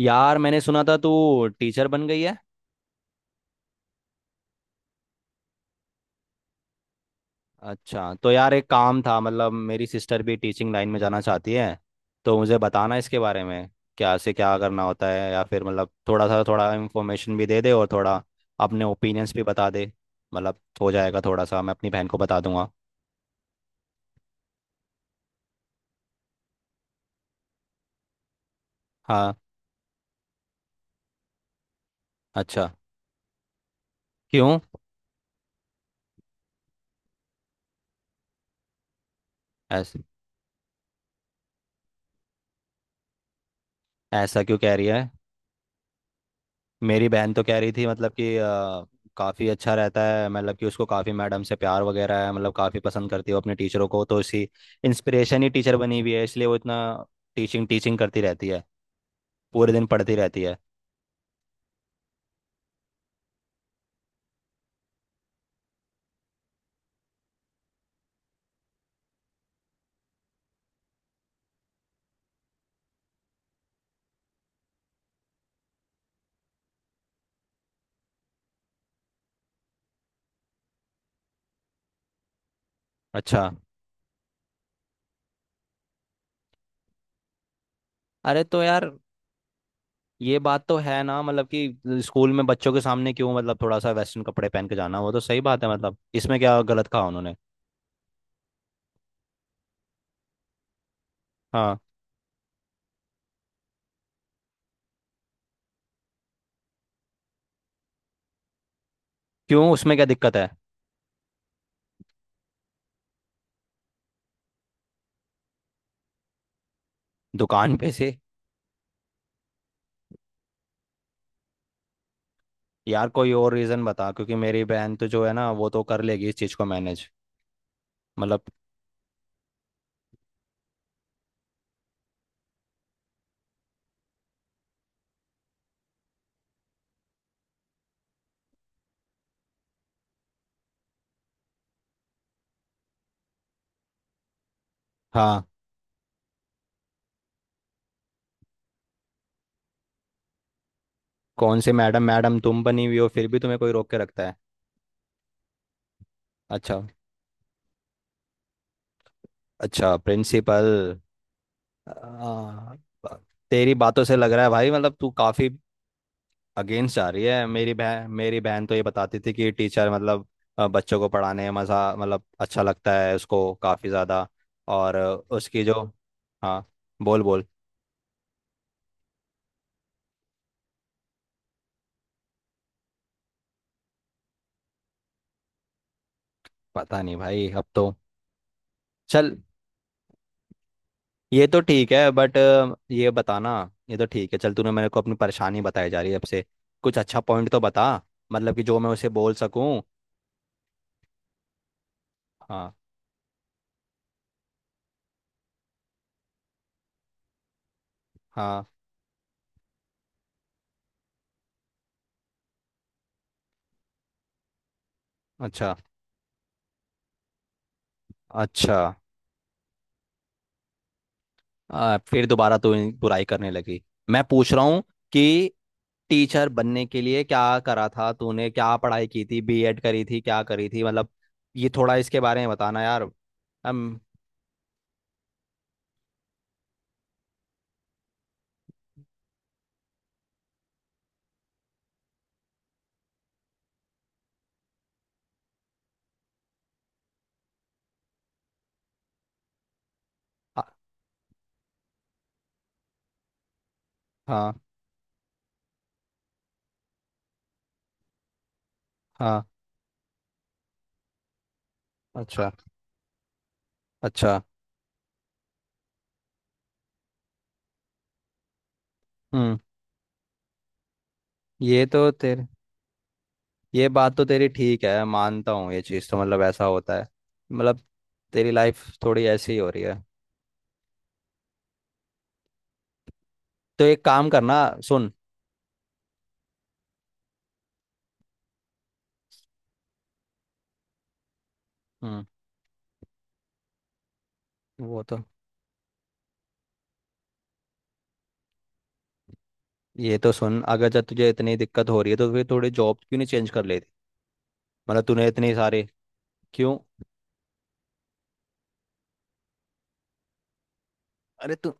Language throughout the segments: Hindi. यार मैंने सुना था तू टीचर बन गई है। अच्छा तो यार एक काम था, मेरी सिस्टर भी टीचिंग लाइन में जाना चाहती है, तो मुझे बताना इसके बारे में। क्या से क्या करना होता है, या फिर थोड़ा सा थोड़ा इन्फॉर्मेशन भी दे दे, और थोड़ा अपने ओपिनियंस भी बता दे। हो जाएगा थोड़ा सा, मैं अपनी बहन को बता दूंगा। हाँ। अच्छा। क्यों? ऐस, ऐसा क्यों कह रही है? मेरी बहन तो कह रही थी काफ़ी अच्छा रहता है, मतलब कि उसको काफ़ी मैडम से प्यार वगैरह है, काफ़ी पसंद करती है वो अपने टीचरों को, तो इसी इंस्पिरेशन ही टीचर बनी हुई है, इसलिए वो इतना टीचिंग टीचिंग करती रहती है, पूरे दिन पढ़ती रहती है। अच्छा। अरे तो यार ये बात तो है ना, मतलब कि स्कूल में बच्चों के सामने क्यों, थोड़ा सा वेस्टर्न कपड़े पहन के जाना, वो तो सही बात है, इसमें क्या गलत कहा उन्होंने। हाँ। क्यों, उसमें क्या दिक्कत है? दुकान पे से। यार कोई और रीज़न बता, क्योंकि मेरी बहन तो जो है ना, वो तो कर लेगी इस चीज़ को मैनेज। मतलब। हाँ। कौन से मैडम? मैडम तुम बनी हुई हो, फिर भी तुम्हें कोई रोक के रखता है? अच्छा। अच्छा, प्रिंसिपल। आ, ब- तेरी बातों से लग रहा है भाई तू काफी अगेंस्ट जा रही है। मेरी बहन, मेरी बहन तो ये बताती थी कि बच्चों को पढ़ाने में मजा अच्छा लगता है उसको काफी ज्यादा। और उसकी जो। हाँ, बोल बोल। पता नहीं भाई अब तो। चल, ये तो ठीक है, बट ये बताना। ये तो ठीक है, चल, तूने मेरे को अपनी परेशानी बताई जा रही है, अब से कुछ अच्छा पॉइंट तो बता, मतलब कि जो मैं उसे बोल सकूं। हाँ हाँ। अच्छा अच्छा। फिर दोबारा तू बुराई करने लगी। मैं पूछ रहा हूँ कि टीचर बनने के लिए क्या करा था तूने, क्या पढ़ाई की थी? बीएड करी थी, क्या करी थी? मतलब ये थोड़ा इसके बारे में बताना यार। हम। हाँ हाँ। अच्छा अच्छा। हम्म। ये तो तेरे, ये बात तो तेरी ठीक है, मानता हूँ, ये चीज़ तो ऐसा होता है। मतलब तेरी लाइफ थोड़ी ऐसी ही हो रही है। तो एक काम करना, सुन। हम्म। वो तो, ये तो सुन, अगर जब तुझे इतनी दिक्कत हो रही है, तो फिर थोड़ी जॉब क्यों नहीं चेंज कर लेती? मतलब तूने इतनी सारे। क्यों? अरे तू,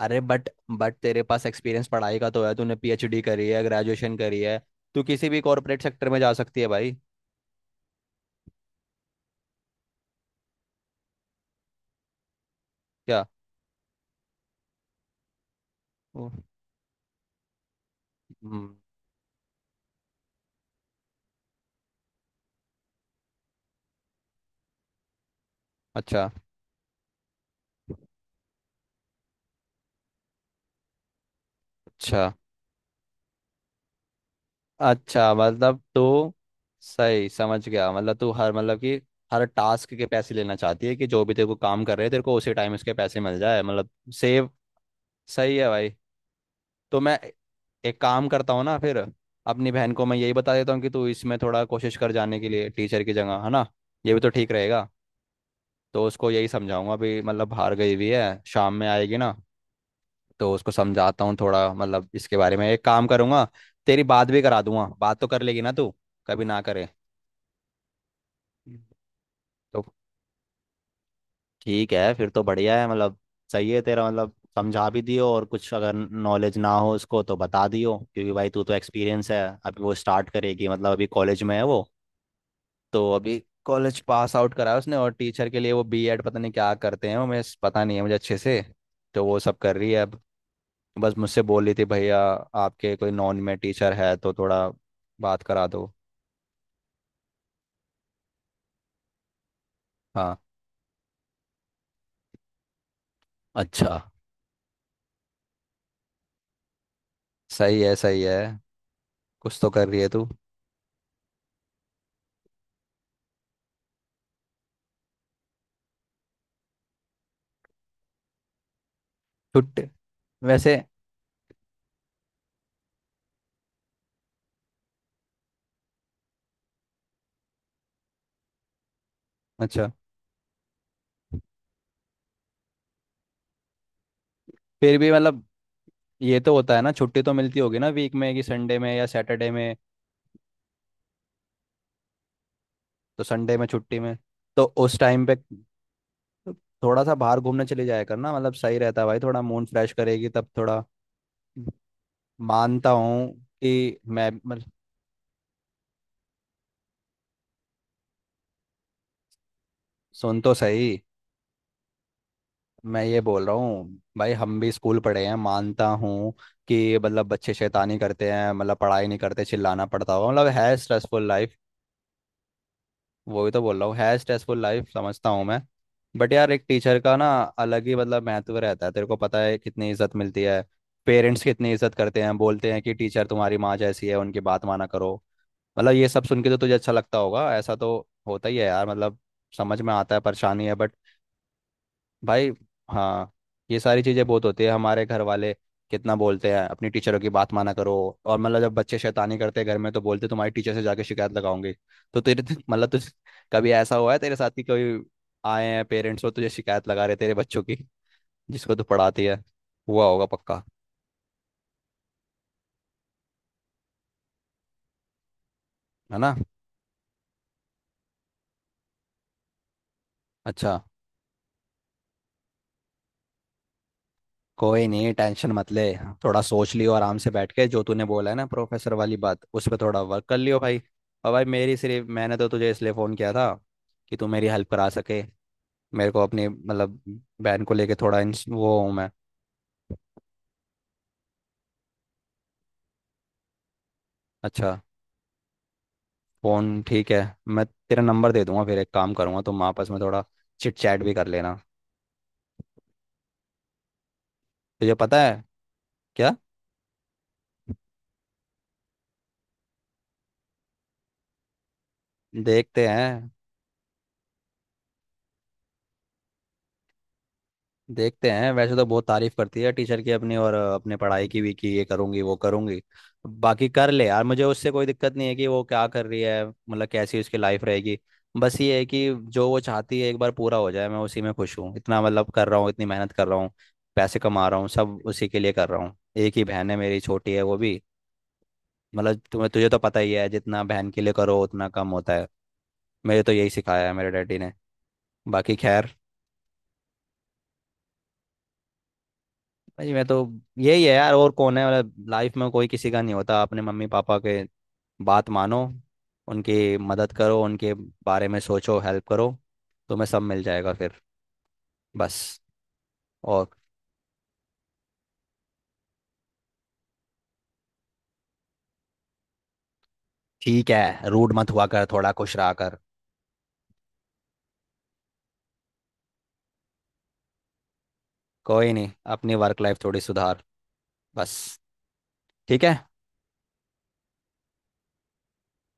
अरे बट तेरे पास एक्सपीरियंस पढ़ाई का तो है, तूने पीएचडी करी है, ग्रेजुएशन करी है, तू किसी भी कॉर्पोरेट सेक्टर में जा सकती है भाई। क्या? ओ। हम्म। अच्छा। अच्छा। अच्छा मतलब तू सही समझ गया, मतलब तू हर मतलब कि हर टास्क के पैसे लेना चाहती है, कि जो भी तेरे को काम कर रहे हैं तेरे को उसी टाइम उसके पैसे मिल जाए, मतलब सेव। सही है भाई। तो मैं एक काम करता हूँ ना फिर, अपनी बहन को मैं यही बता देता हूँ कि तू इसमें थोड़ा कोशिश कर, जाने के लिए टीचर की जगह है ना, ये भी तो ठीक रहेगा। तो उसको यही समझाऊंगा, अभी मतलब बाहर गई हुई है, शाम में आएगी ना, तो उसको समझाता हूँ थोड़ा, मतलब इसके बारे में एक काम करूंगा। तेरी बात भी करा दूंगा, बात तो कर लेगी ना तू? कभी ना करे। तो ठीक है फिर, तो बढ़िया है मतलब। सही है, तेरा मतलब समझा भी दियो, और कुछ अगर नॉलेज ना हो उसको तो बता दियो, क्योंकि भाई तू तो एक्सपीरियंस है। अभी वो स्टार्ट करेगी, मतलब अभी कॉलेज में है वो, तो अभी कॉलेज पास आउट करा है उसने, और टीचर के लिए वो बीएड पता नहीं क्या करते हैं वो, मैं पता नहीं है मुझे अच्छे से। तो वो सब कर रही है अब, बस मुझसे बोल रही थी, भैया आपके कोई नॉन में टीचर है तो थोड़ा बात करा दो। हाँ। अच्छा। सही है, सही है, कुछ तो कर रही है तू। छुट्टी वैसे। अच्छा। फिर भी मतलब ये तो होता है ना, छुट्टी तो मिलती होगी ना वीक में, कि संडे में या सैटरडे में? तो संडे में छुट्टी में, तो उस टाइम पे थोड़ा सा बाहर घूमने चले जाया कर ना, मतलब सही रहता है भाई, थोड़ा मूड फ्रेश करेगी तब थोड़ा। मानता हूँ कि मैं मतलब, सुन तो सही, मैं ये बोल रहा हूँ भाई, हम भी स्कूल पढ़े हैं, मानता हूँ कि बच्चे शैतानी करते हैं, पढ़ाई नहीं करते, चिल्लाना पड़ता होगा, मतलब है स्ट्रेसफुल लाइफ। वही तो बोल रहा हूँ, है स्ट्रेसफुल लाइफ, समझता हूँ मैं, बट यार एक टीचर का ना अलग ही मतलब महत्व रहता है, तेरे को पता है कितनी इज्जत मिलती है, पेरेंट्स कितनी इज्जत करते हैं, बोलते हैं कि टीचर तुम्हारी माँ जैसी है, उनकी बात माना करो। मतलब ये सब सुन के तो तुझे अच्छा लगता होगा, ऐसा तो होता ही है यार, मतलब समझ में आता है परेशानी है बट। भाई। हाँ। ये सारी चीज़ें बहुत होती है, हमारे घर वाले कितना बोलते हैं अपनी टीचरों की बात माना करो, और मतलब जब बच्चे शैतानी करते हैं घर में, तो बोलते तुम्हारी टीचर से जाके शिकायत लगाऊंगी। तो तेरे मतलब तुझ कभी ऐसा हुआ है तेरे साथ कि कोई आए हैं पेरेंट्स और तुझे शिकायत लगा रहे तेरे बच्चों की, जिसको तू पढ़ाती है? हुआ होगा पक्का, है ना? अच्छा। कोई नहीं, टेंशन मत ले, थोड़ा सोच लियो आराम से बैठ के, जो तूने बोला है ना प्रोफेसर वाली बात, उस पर थोड़ा वर्क कर लियो भाई। और भाई मेरी सिर्फ, मैंने तो तुझे इसलिए फ़ोन किया था कि तू मेरी हेल्प करा सके, मेरे को अपनी मतलब बहन को लेके थोड़ा वो हूँ मैं। अच्छा। फ़ोन ठीक है, मैं तेरा नंबर दे दूंगा, फिर एक काम करूंगा, तुम आपस में थोड़ा चिट चैट भी कर लेना। तुझे पता है क्या? देखते हैं। देखते हैं, वैसे तो बहुत तारीफ करती है टीचर की अपनी, और अपने पढ़ाई की भी, कि ये करूंगी वो करूंगी। बाकी कर ले यार, मुझे उससे कोई दिक्कत नहीं है कि वो क्या कर रही है, मतलब कैसी उसकी लाइफ रहेगी, बस ये है कि जो वो चाहती है एक बार पूरा हो जाए, मैं उसी में खुश हूँ, इतना मतलब कर रहा हूँ, इतनी मेहनत कर रहा हूँ, पैसे कमा रहा हूँ, सब उसी के लिए कर रहा हूँ, एक ही बहन है मेरी, छोटी है वो भी, मतलब तुम्हें तुझे तो पता ही है, जितना बहन के लिए करो उतना कम होता है। मेरे तो यही सिखाया है मेरे डैडी ने, बाकी खैर। भाई मैं तो, यही है यार, और कौन है, मतलब लाइफ में कोई किसी का नहीं होता, अपने मम्मी पापा के बात मानो, उनकी मदद करो, उनके बारे में सोचो, हेल्प करो, तुम्हें सब मिल जाएगा फिर, बस। और। ठीक है, रूड मत हुआ कर, थोड़ा खुश रहा कर। कोई नहीं, अपनी वर्क लाइफ थोड़ी सुधार, बस। ठीक है।